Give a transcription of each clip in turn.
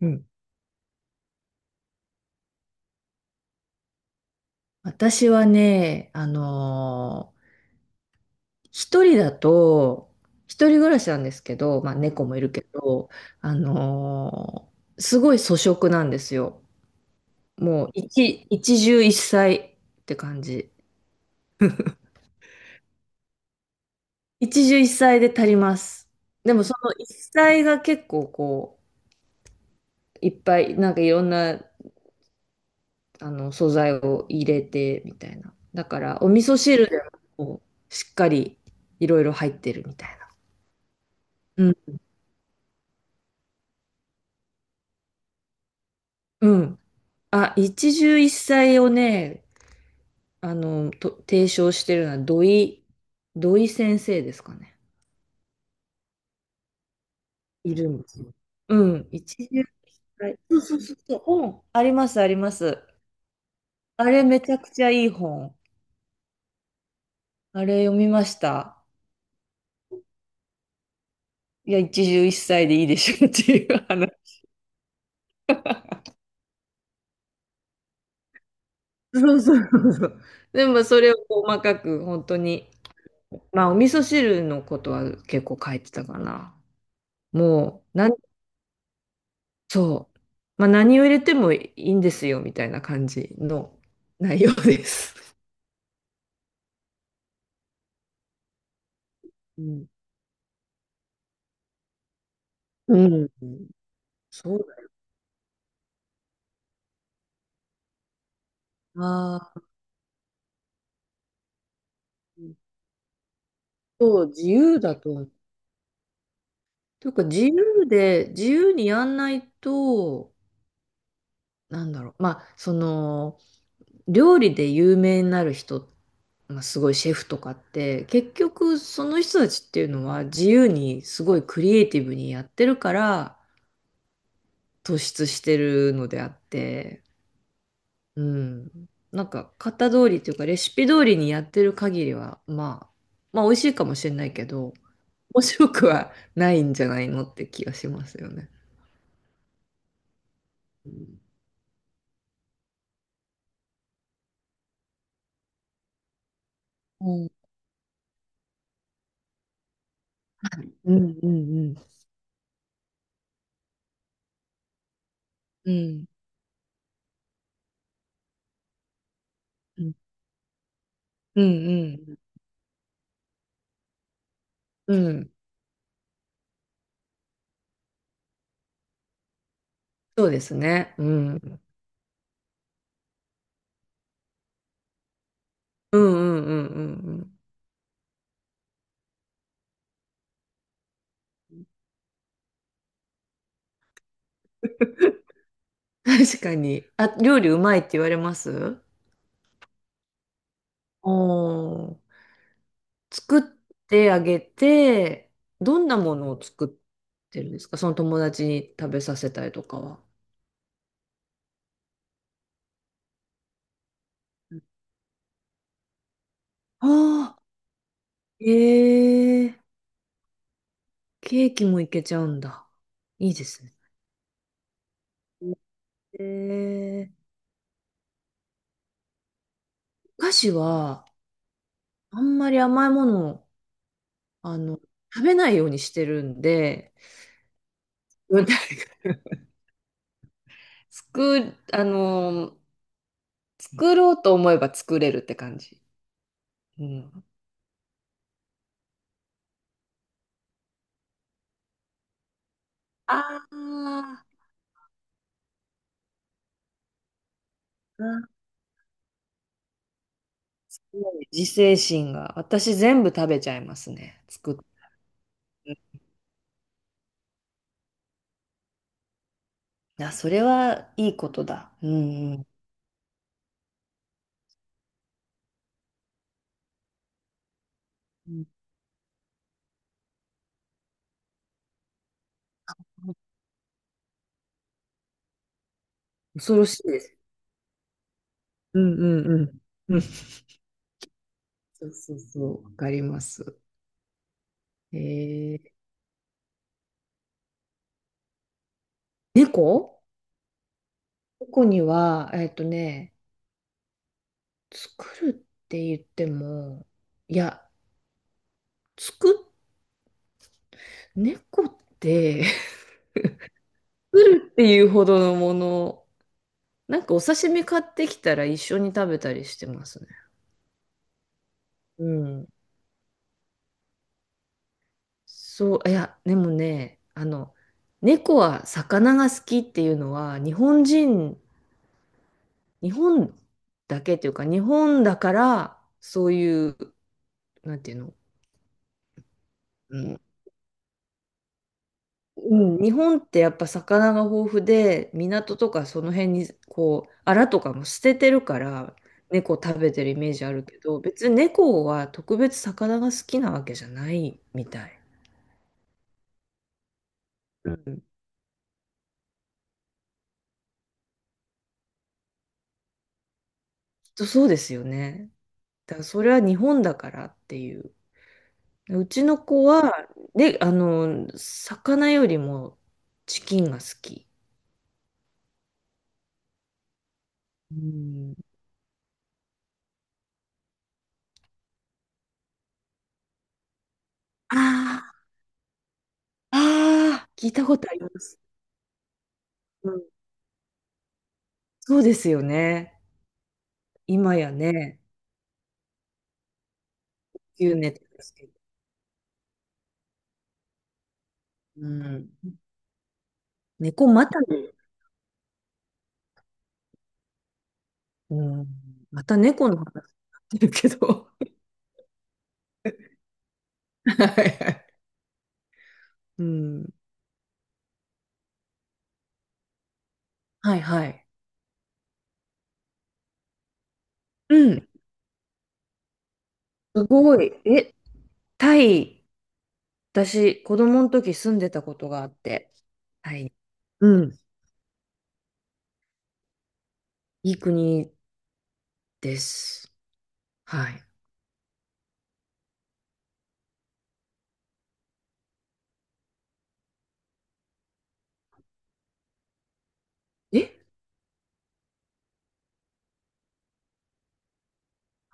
うん。私はね、一人だと、一人暮らしなんですけど、まあ猫もいるけど、すごい粗食なんですよ。もう一汁一菜って感じ。一汁一菜で足ります。でもその一菜が結構こう、いっぱい、なんかいろんな、素材を入れて、みたいな。だから、お味噌汁でもこうしっかりいろいろ入ってるみたいな。うん。うん、あ、一汁一菜をね、と提唱してるのは土井先生ですかね。いるんですよ。うん、一汁一菜。そうそうそうそう、本。あります、あります。あれめちゃくちゃいい本。あれ読みました。いや、一汁一菜でいいでしょっていう話。そうそうそうそう。でもそれを細かく本当に、まあお味噌汁のことは結構書いてたかな。もうそう。まあ、何を入れてもいいんですよ、みたいな感じの内容です。うん。うん。そうだな。そう、自由だと思う。というか、自由で、自由にやんないと、なんだろう。まあ、その、料理で有名になる人、まあ、すごいシェフとかって、結局、その人たちっていうのは、自由に、すごいクリエイティブにやってるから、突出してるのであって、うん。なんか、型通りというか、レシピ通りにやってる限りは、まあ、まあ、美味しいかもしれないけど、面白くはないんじゃないのって気がしますよね。うん、うん、うん、うん。うん。うん、うん、うん。そうですね。うん。うん、うん、うん、うんうん。確かに。あ、料理うまいって言われます？おー。作ってあげて、どんなものを作ってるんですか、その友達に食べさせたりとかは。ああ、ええ、ケーキもいけちゃうんだ。いいですね。ええ、お菓子は、あんまり甘いものを、あの、食べないようにしてるんで、うん。 作、あの、作ろうと思えば作れるって感じ。うん。ああ、うん、自制心が。私全部食べちゃいますね。作っ、あ、それはいいことだ。うんうん。うん、恐ろしいです。うんうんうん。うん。そうそうそう。わかります。えー、猫猫には、作るって言っても、いや、作っ、猫って、作るっていうほどのもの、なんかお刺身買ってきたら一緒に食べたりしてますね。うん。そう、いや、でもね、猫は魚が好きっていうのは、日本だけというか、日本だから、そういう、なんていうの、うん。うん、日本ってやっぱ魚が豊富で、港とかその辺に、こう、アラとかも捨ててるから、猫食べてるイメージあるけど、別に猫は特別魚が好きなわけじゃないみたい。きっとそうですよね。だからそれは日本だからっていう。うちの子は、で、魚よりもチキンが好き。うん、ああ、あ聞いたことあります。うん、そうですよね。今やね、急ネタですけど。うん。猫また、うん、また猫の話になってるけど。はいはい、うん。はいはい。うん。すごい。え、タイ、私、子供の時住んでたことがあって、うん。いい国です。はい。え、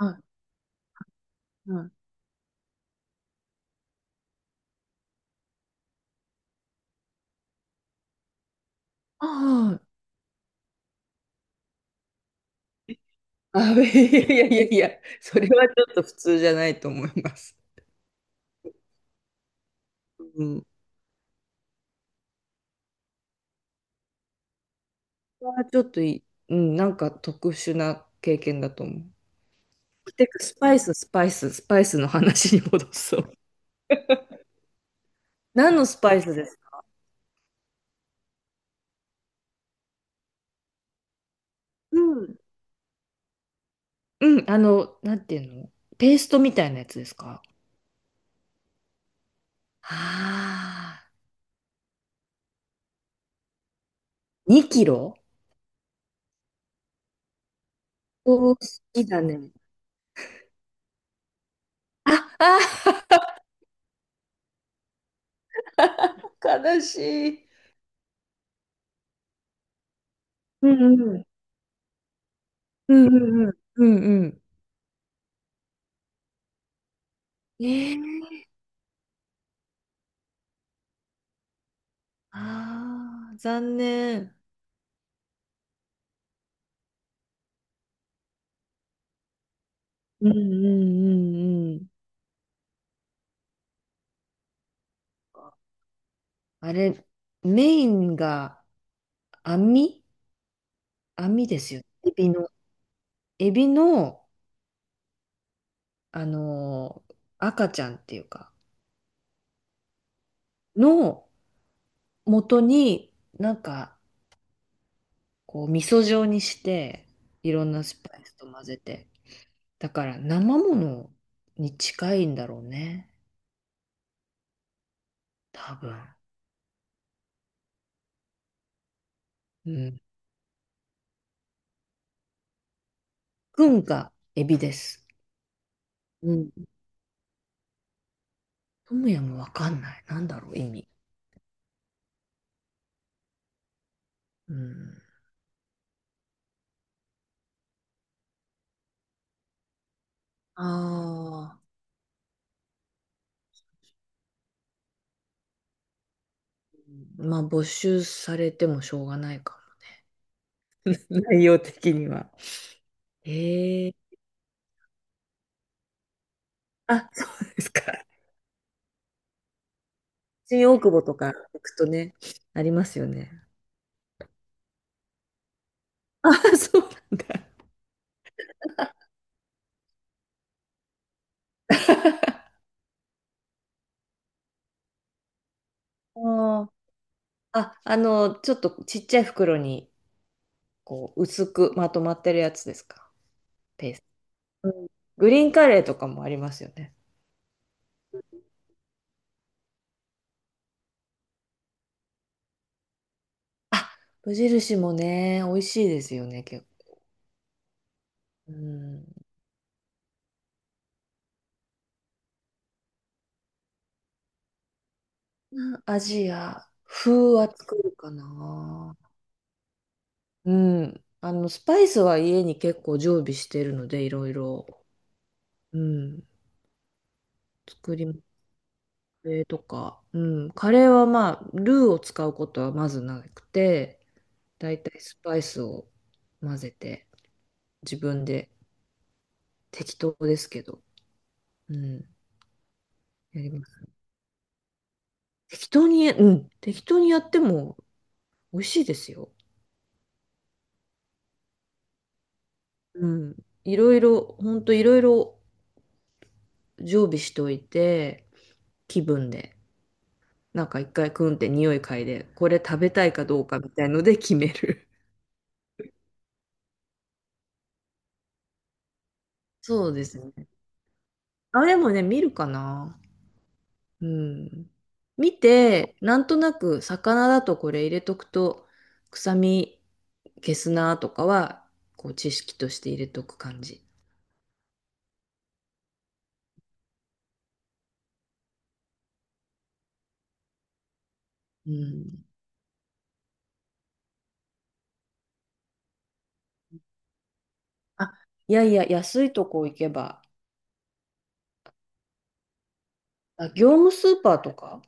はい。はい。ああ、あ、いやいやいやいや、それはちょっと普通じゃないと思います。うん、はちょっとい、うん、なんか特殊な経験だと思う。てか、スパイスの話に戻そう。何のスパイスですか？うん。うん、なんていうの、ペーストみたいなやつですか？ああー、2キロ、おー、好きだね。あ、あー、悲しい。うんうん。うんうんうん。うんうん。えー、ああ、残念。うんうんうんうんうんうんうん、え、ああー、残念、うんうんうんうん、あれ、メインが網網ですよね。エビの、エビの、赤ちゃんっていうか、の元に、なんか、こう、味噌状にして、いろんなスパイスと混ぜて。だから、生ものに近いんだろうね。多分。うん。くんがエビです。うん。トムヤムわかんない。なんだろう、意味。うん。ああ。まあ、没収されてもしょうがないか。内容的には。へえ。あ、そうですか。新大久保とか行くとね、ありますよね。あ、そうなんだ。あー、あ、ちょっとちっちゃい袋に、こう、薄くまとまってるやつですか。ペースト。うん、グリーンカレーとかもありますよね。あ、無印もね、美味しいですよね、結構。うん。アジア風は作るかな。うん。スパイスは家に結構常備してるので、いろいろ。うん。作り、カレーとか、うん、カレーはまあ、ルーを使うことはまずなくて、だいたいスパイスを混ぜて、自分で適当ですけど、うん、やります。適当に、うん、適当にやっても美味しいですよ。うん、いろいろ、ほんといろいろ常備しといて、気分で、なんか一回クンって匂い嗅いで、これ食べたいかどうかみたいので決める。そうですね。あ、でもね、見るかな。うん。見て、なんとなく魚だとこれ入れとくと、臭み消すなとかは、こう知識として入れとく感じ。うん。あ、いやいや、安いとこ行けば、あ、業務スーパーとか